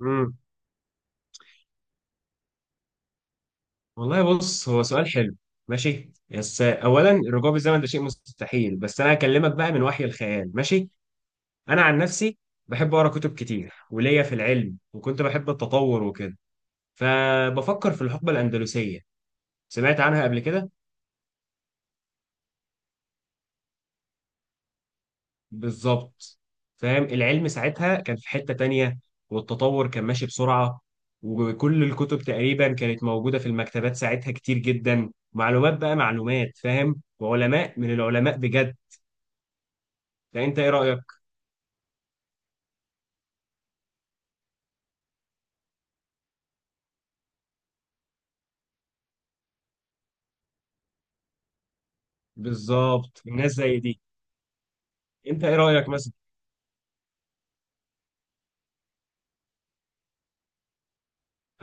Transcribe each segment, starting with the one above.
امم والله، بص هو سؤال حلو. ماشي، بس اولا الرجوع بالزمن ده شيء مستحيل، بس انا هكلمك بقى من وحي الخيال. ماشي. انا عن نفسي بحب اقرا كتب كتير وليا في العلم، وكنت بحب التطور وكده، فبفكر في الحقبه الاندلسيه. سمعت عنها قبل كده. بالظبط. فاهم، العلم ساعتها كان في حته تانية، والتطور كان ماشي بسرعه، وكل الكتب تقريبا كانت موجوده في المكتبات ساعتها، كتير جدا معلومات بقى معلومات، فاهم، وعلماء من العلماء بجد. يعني انت ايه رايك؟ بالظبط، الناس زي دي. انت ايه رايك مثلا؟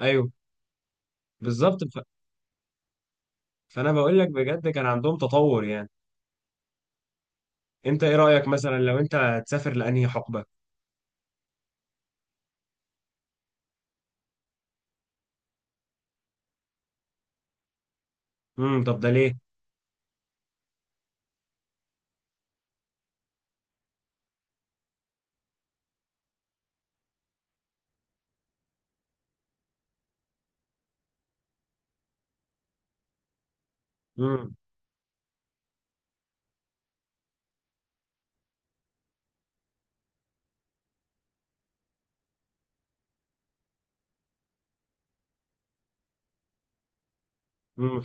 ايوه بالظبط. فانا بقول لك بجد كان عندهم تطور يعني. انت ايه رايك مثلا لو انت هتسافر لانهي حقبه؟ طب ده ليه؟ امم امم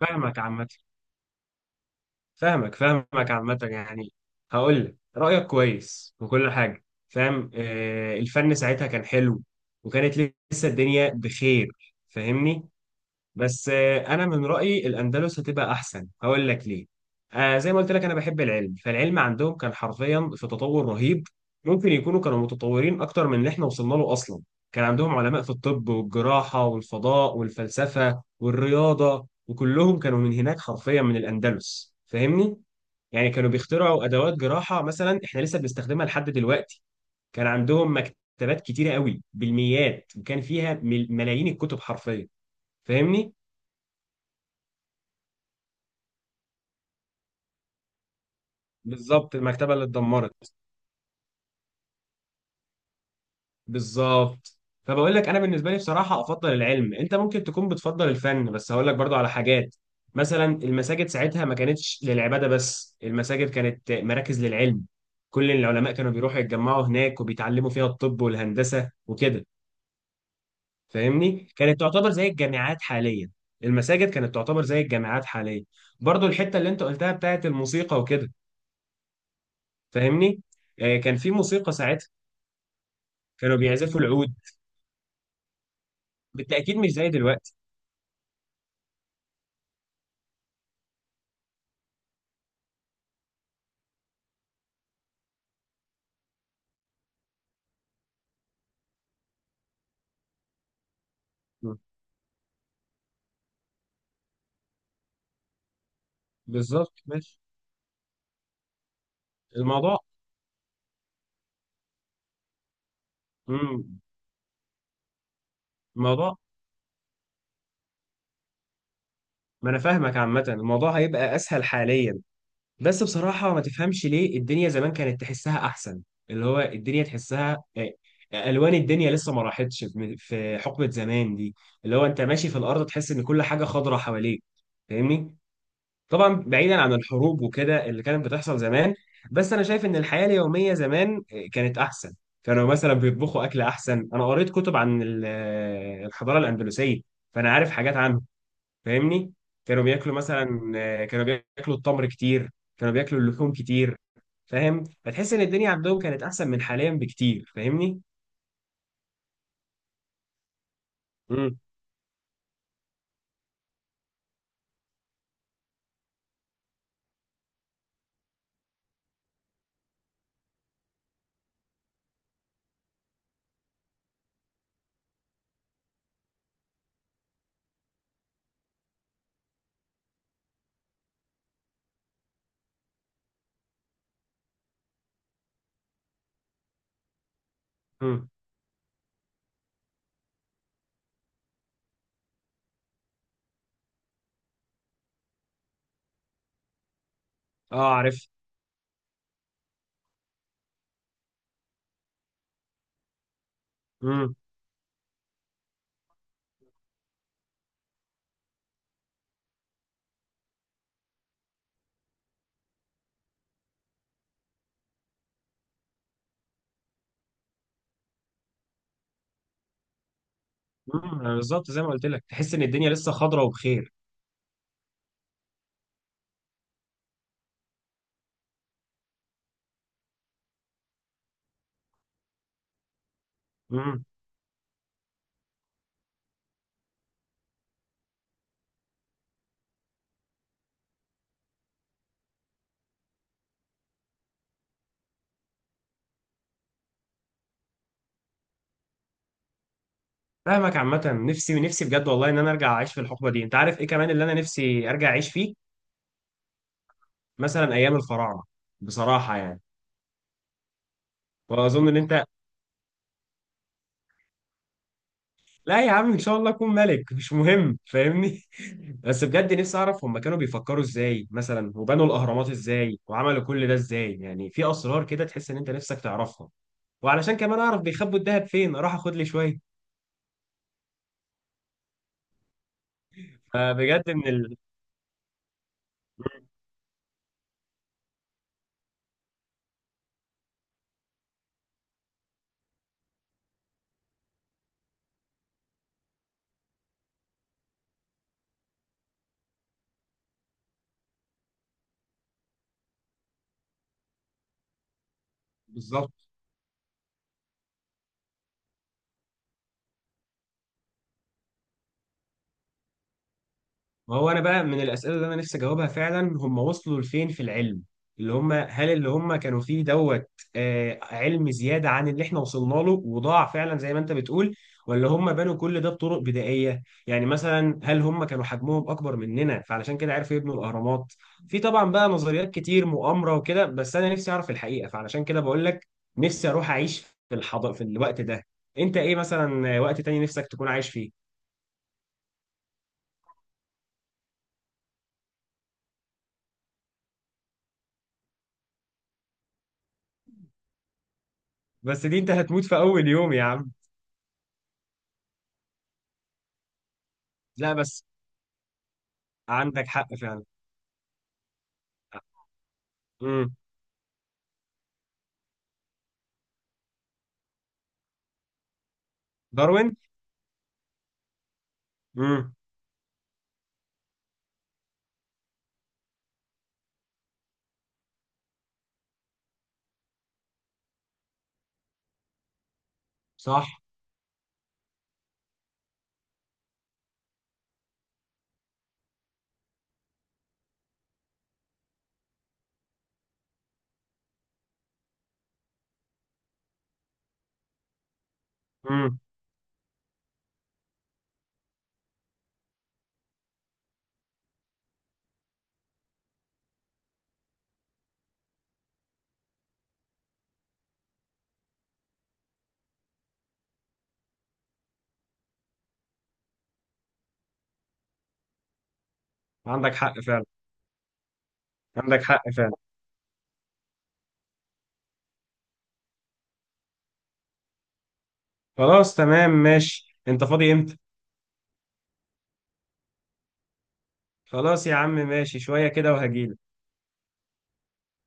فاهمك عامه، فاهمك عامه يعني. هقول لك رايك كويس وكل حاجه. فاهم، الفن ساعتها كان حلو، وكانت لسه الدنيا بخير. فاهمني. بس انا من رايي الاندلس هتبقى احسن، هقول لك ليه. آه زي ما قلت لك انا بحب العلم، فالعلم عندهم كان حرفيا في تطور رهيب. ممكن يكونوا كانوا متطورين اكتر من اللي احنا وصلنا له اصلا. كان عندهم علماء في الطب والجراحه والفضاء والفلسفه والرياضه، وكلهم كانوا من هناك حرفيا، من الاندلس. فاهمني. يعني كانوا بيخترعوا ادوات جراحه مثلا احنا لسه بنستخدمها لحد دلوقتي. كان عندهم مكتبات كتيره قوي بالميات، وكان فيها ملايين الكتب حرفيا. فاهمني. بالظبط، المكتبه اللي اتدمرت. بالظبط. فبقول لك انا بالنسبه لي بصراحه افضل العلم. انت ممكن تكون بتفضل الفن، بس هقول لك برضو على حاجات. مثلا المساجد ساعتها ما كانتش للعباده بس، المساجد كانت مراكز للعلم. كل العلماء كانوا بيروحوا يتجمعوا هناك وبيتعلموا فيها الطب والهندسه وكده. فاهمني، كانت تعتبر زي الجامعات حاليا. المساجد كانت تعتبر زي الجامعات حاليا. برضو الحته اللي انت قلتها بتاعت الموسيقى وكده. فاهمني. كان في موسيقى ساعتها، كانوا بيعزفوا العود. بالتأكيد مش زي دلوقتي. مم. بالظبط، ماشي. الموضوع. مم. الموضوع، ما أنا فاهمك عامة، الموضوع هيبقى أسهل حاليا. بس بصراحة ما تفهمش ليه الدنيا زمان كانت تحسها أحسن. اللي هو الدنيا تحسها، ألوان الدنيا لسه ما راحتش في حقبة زمان دي. اللي هو أنت ماشي في الأرض تحس إن كل حاجة خضرة حواليك. فاهمني. طبعا بعيدا عن الحروب وكده اللي كانت بتحصل زمان، بس انا شايف ان الحياه اليوميه زمان كانت احسن. كانوا مثلا بيطبخوا اكل احسن. انا قريت كتب عن الحضاره الاندلسيه، فانا عارف حاجات عنه. فاهمني. كانوا بياكلوا مثلا، كانوا بياكلوا التمر كتير. كانوا بياكلوا اللحوم كتير. فاهم، فتحس ان الدنيا عندهم كانت احسن من حاليا بكتير. فاهمني. امم امم اه، عارف. امم بالظبط، زي ما قلت لك تحس ان الدنيا لسه خضره وبخير. مم. فاهمك عامة. نفسي، نفسي بجد والله، ان انا ارجع اعيش في الحقبة دي. انت عارف ايه كمان اللي انا نفسي ارجع اعيش فيه؟ مثلا ايام الفراعنة، بصراحة يعني. واظن ان انت. لا يا عم، ان شاء الله اكون ملك، مش مهم، فاهمني. بس بجد نفسي اعرف هم كانوا بيفكروا ازاي مثلا، وبنوا الاهرامات ازاي، وعملوا كل ده ازاي، يعني في اسرار كده تحس ان انت نفسك تعرفها. وعلشان كمان اعرف بيخبوا الذهب فين اروح اخد لي شوية. فبجد بالظبط. ما هو انا بقى من الاسئله اللي انا نفسي اجاوبها فعلا، هم وصلوا لفين في العلم؟ اللي هم هل اللي هم كانوا فيه دوت، علم زياده عن اللي احنا وصلنا له، وضاع فعلا زي ما انت بتقول؟ ولا هم بنوا كل ده بطرق بدائيه؟ يعني مثلا هل هم كانوا حجمهم اكبر مننا فعلشان كده عرفوا يبنوا الاهرامات؟ في طبعا بقى نظريات كتير مؤامره وكده، بس انا نفسي اعرف الحقيقه، فعلشان كده بقول لك نفسي اروح اعيش في الوقت ده. انت ايه مثلا وقت تاني نفسك تكون عايش فيه؟ بس دي انت هتموت في اول يوم يا عم. لا بس. عندك حق فعلا. امم داروين. امم صح. امم عندك حق فعلا. عندك حق فعلا. خلاص تمام ماشي، انت فاضي امتى؟ خلاص يا عم، ماشي، شوية كده وهجيلك.